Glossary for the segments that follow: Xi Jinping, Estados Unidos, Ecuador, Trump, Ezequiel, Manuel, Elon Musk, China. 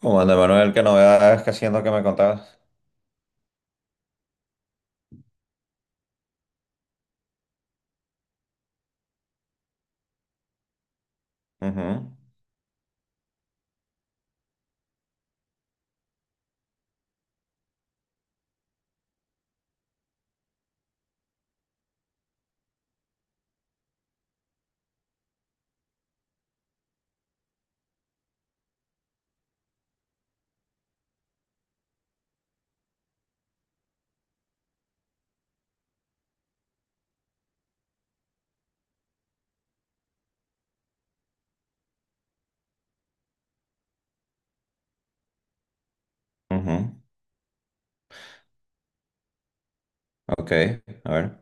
¿Cómo anda, Manuel? ¿Qué novedades? ¿Qué haciendo? ¿Qué me contabas? Ujú, ujú. Ok, a ver.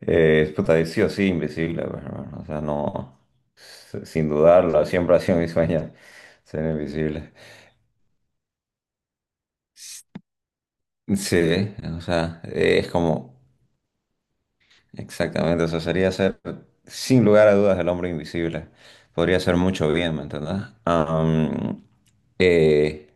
Puta, sí o sí, invisible, pues, hermano. O sea, no, sin dudarlo, siempre ha sido mi sueño ser invisible. Sí, o sea, es como, exactamente, eso sería ser, sin lugar a dudas, el hombre invisible. Podría ser mucho bien, ¿me entendés? Eh,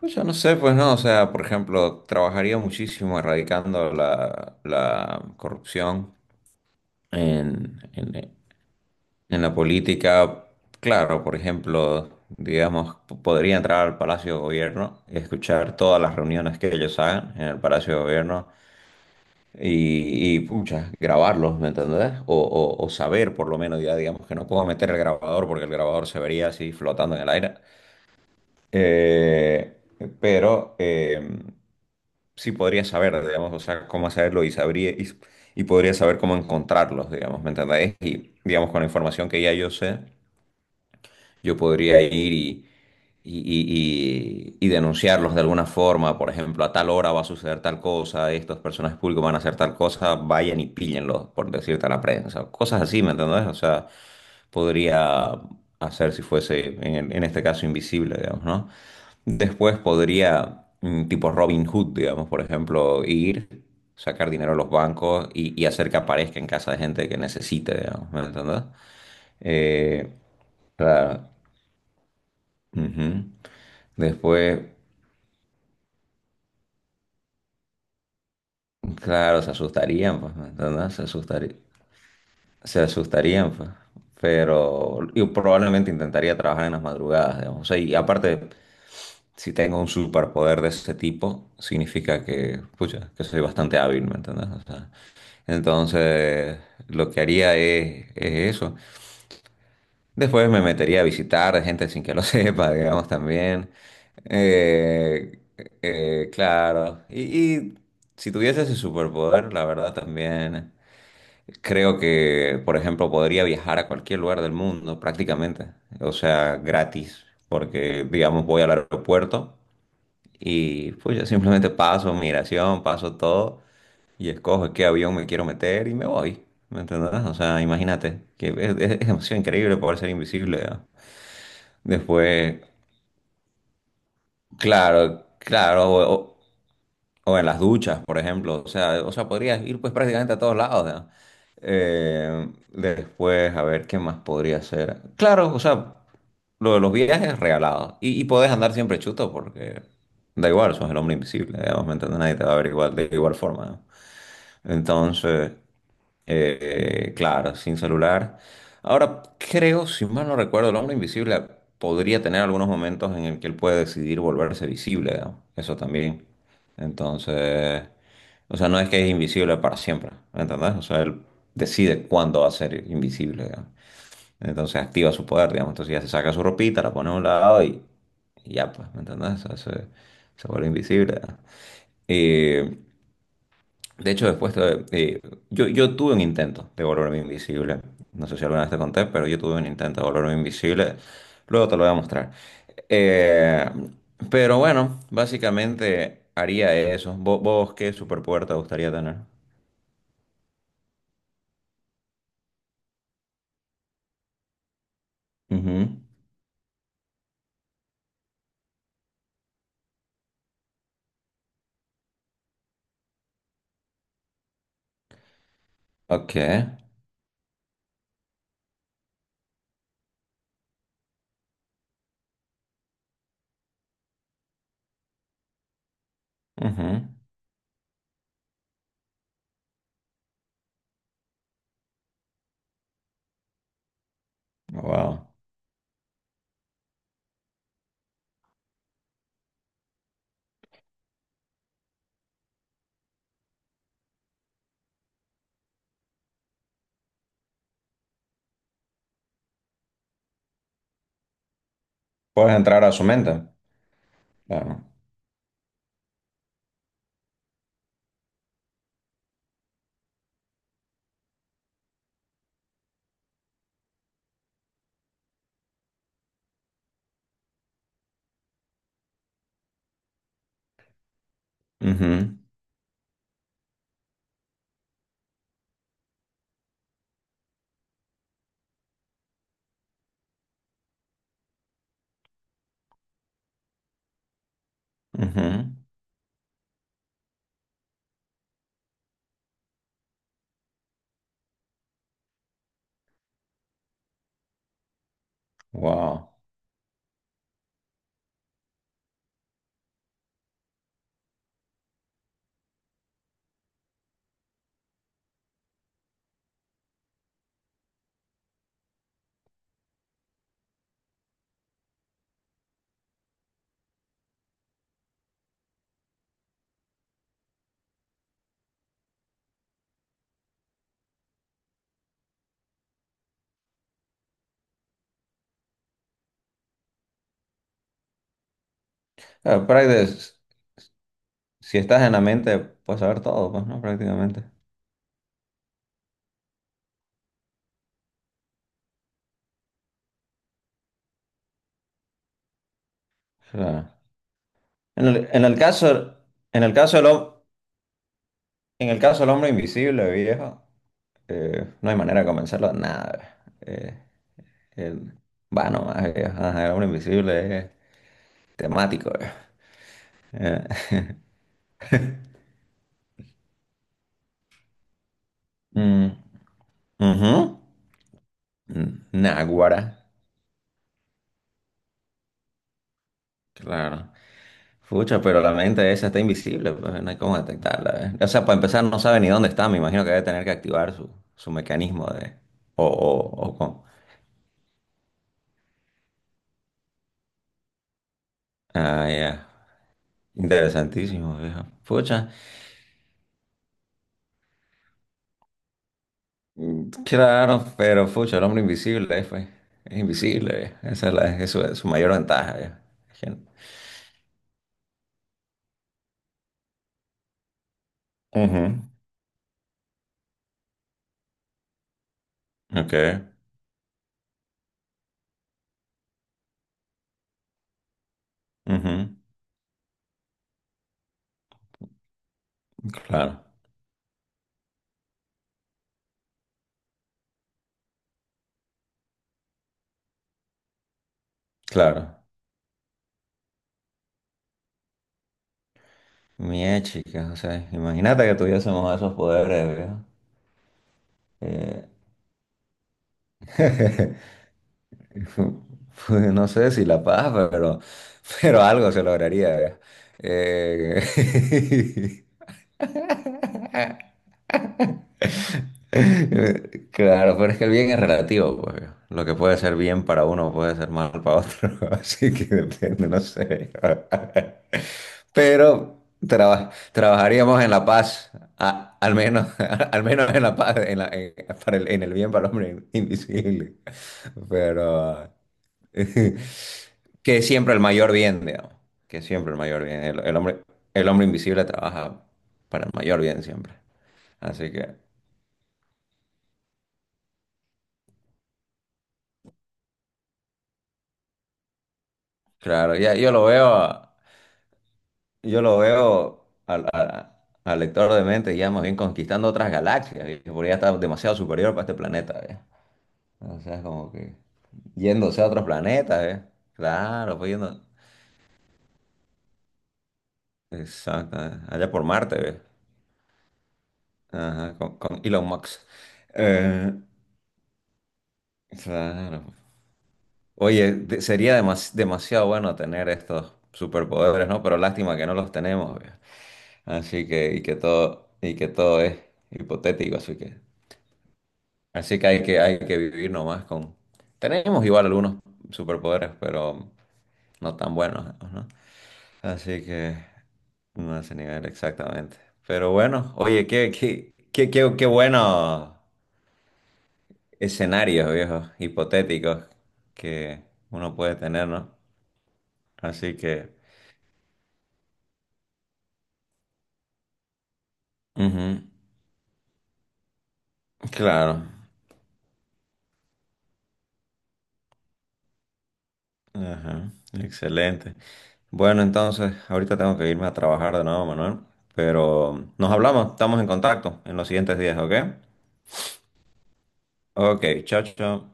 Pues yo no sé, pues no, o sea, por ejemplo, trabajaría muchísimo erradicando la corrupción en, en- en la política. Claro, por ejemplo, digamos, podría entrar al Palacio de Gobierno, escuchar todas las reuniones que ellos hagan en el Palacio de Gobierno y pucha, grabarlos, ¿me entendés? O o saber, por lo menos, ya digamos que no puedo meter el grabador porque el grabador se vería así flotando en el aire. Eh, pero, em, sí podría saber, digamos, o sea, cómo hacerlo y sabría y podría saber cómo encontrarlos, digamos, ¿me entendéis? Y digamos, con la información que ya yo sé. Yo podría ir y denunciarlos de alguna forma, por ejemplo, a tal hora va a suceder tal cosa, estos personajes públicos van a hacer tal cosa, vayan y píllenlos, por decirte a la prensa, cosas así, ¿me entendés? O sea, podría hacer si fuese, en este caso, invisible, digamos, ¿no? Después podría, mm, tipo Robin Hood, digamos, por ejemplo, ir, sacar dinero a los bancos y hacer que aparezca en casa de gente que necesite, digamos, ¿me entendés? Eh, claro. Ujú. Después, claro, se asustarían, pues, ¿me entiendes? Se asustarían, pues. Pero yo probablemente intentaría trabajar en las madrugadas, digamos. O sea, y aparte, si tengo un superpoder de ese tipo, significa que, pucha, que soy bastante hábil, ¿me entiendes? O sea, entonces, lo que haría es eso. Después me metería a visitar gente sin que lo sepa, digamos, también. Eh, claro. Y si tuviese ese superpoder, la verdad también creo que, por ejemplo, podría viajar a cualquier lugar del mundo prácticamente. O sea, gratis. Porque, digamos, voy al aeropuerto y pues yo simplemente paso migración, paso todo y escojo en qué avión me quiero meter y me voy. ¿Me entendés? O sea, imagínate que es, es demasiado increíble poder ser invisible, ¿no? Después, claro, claro, o en las duchas, por ejemplo. O sea, podrías ir pues prácticamente a todos lados, ¿no? Después, a ver, ¿qué más podría ser? Claro, o sea, lo de los viajes regalados. Y podés andar siempre chuto porque da igual, sos el hombre invisible, digamos, ¿me entiendes? Nadie te va a ver igual, de igual forma, ¿no? Entonces, claro, sin celular. Ahora, creo, si mal no recuerdo, el hombre invisible podría tener algunos momentos en el que él puede decidir volverse visible, ¿no? Eso también. Entonces, o sea, no es que es invisible para siempre, ¿me entendés? O sea, él decide cuándo va a ser invisible, digamos. Entonces activa su poder, digamos. Entonces ya se saca su ropita, la pone a un lado y ya, pues, ¿me entendés? O sea, se vuelve invisible, ¿no? Eh, de hecho, yo tuve un intento de volverme invisible. No sé si alguna vez te conté, pero yo tuve un intento de volverme invisible. Luego te lo voy a mostrar. Eh, pero bueno, básicamente haría eso. ¿Vos, qué superpoder te gustaría tener? Ujú. Ok. Ujú. Wow. Puedes entrar a su mente. Claro. Ujú. Ujú. Wow. Claro, si estás en la mente, puedes saber todo, pues, ¿no? Prácticamente. Claro. En el, en el caso, en el caso en el caso del hombre invisible, viejo, no hay manera de convencerlo de nada. El, va nomás, viejo. Ajá, el hombre invisible es temático, viejo. Eh, mm, ujú. Mm, Náguara, claro. Fucha, pero la mente esa está invisible, pues no hay cómo detectarla, eh. O sea, para empezar, no sabe ni dónde está. Me imagino que debe tener que activar su, su mecanismo de. O, o, o con- Ah, ya. Interesantísimo, viejo. Fucha. Mm, claro, pero pucha, el hombre invisible fue. Es invisible, eh. Esa es, es su, su mayor ventaja, eh. Gen- Ujú. Ok. Ujú. Claro, claro. Mía chica, o sea, imagínate que tuviésemos esos poderes, viejo. Pues, no sé si la paz, pero algo se lograría, viejo. Eh, claro, pero es que el bien es relativo, pues. Lo que puede ser bien para uno puede ser mal para otro, así que depende, no sé. Pero trabajaríamos en la paz, al menos, al menos en la paz, para el, en el bien para el hombre invisible. Pero eh, que siempre el mayor bien, digamos, que siempre el mayor bien. El hombre invisible trabaja para el mayor bien siempre. Así que, claro, ya yo lo veo. Yo lo veo al, al lector de mente ya más bien conquistando otras galaxias, ¿viste? Porque ya está demasiado superior para este planeta, ¿eh? O sea, es como que yéndose a otros planetas, ¿eh? Claro, pues yendo. Exacto, ¿eh? Allá por Marte, ¿eh? Ajá, con Elon Musk. Eh, claro. Oye, sería demasiado bueno tener estos superpoderes, ¿no? Pero lástima que no los tenemos, ¿eh? Así que, y que todo es hipotético, así que. Así que hay que, hay que vivir nomás con... Tenemos igual algunos superpoderes, pero no tan buenos, ¿no? Así que no a ese nivel exactamente. Pero bueno, oye, qué, qué, qué, qué, qué buenos escenarios, viejos, hipotéticos que uno puede tener, ¿no? Así que, ujú, claro. Ajá, excelente. Bueno, entonces, ahorita tengo que irme a trabajar de nuevo, Manuel, pero nos hablamos, estamos en contacto en los siguientes días, ¿ok? Ok, chao, chao.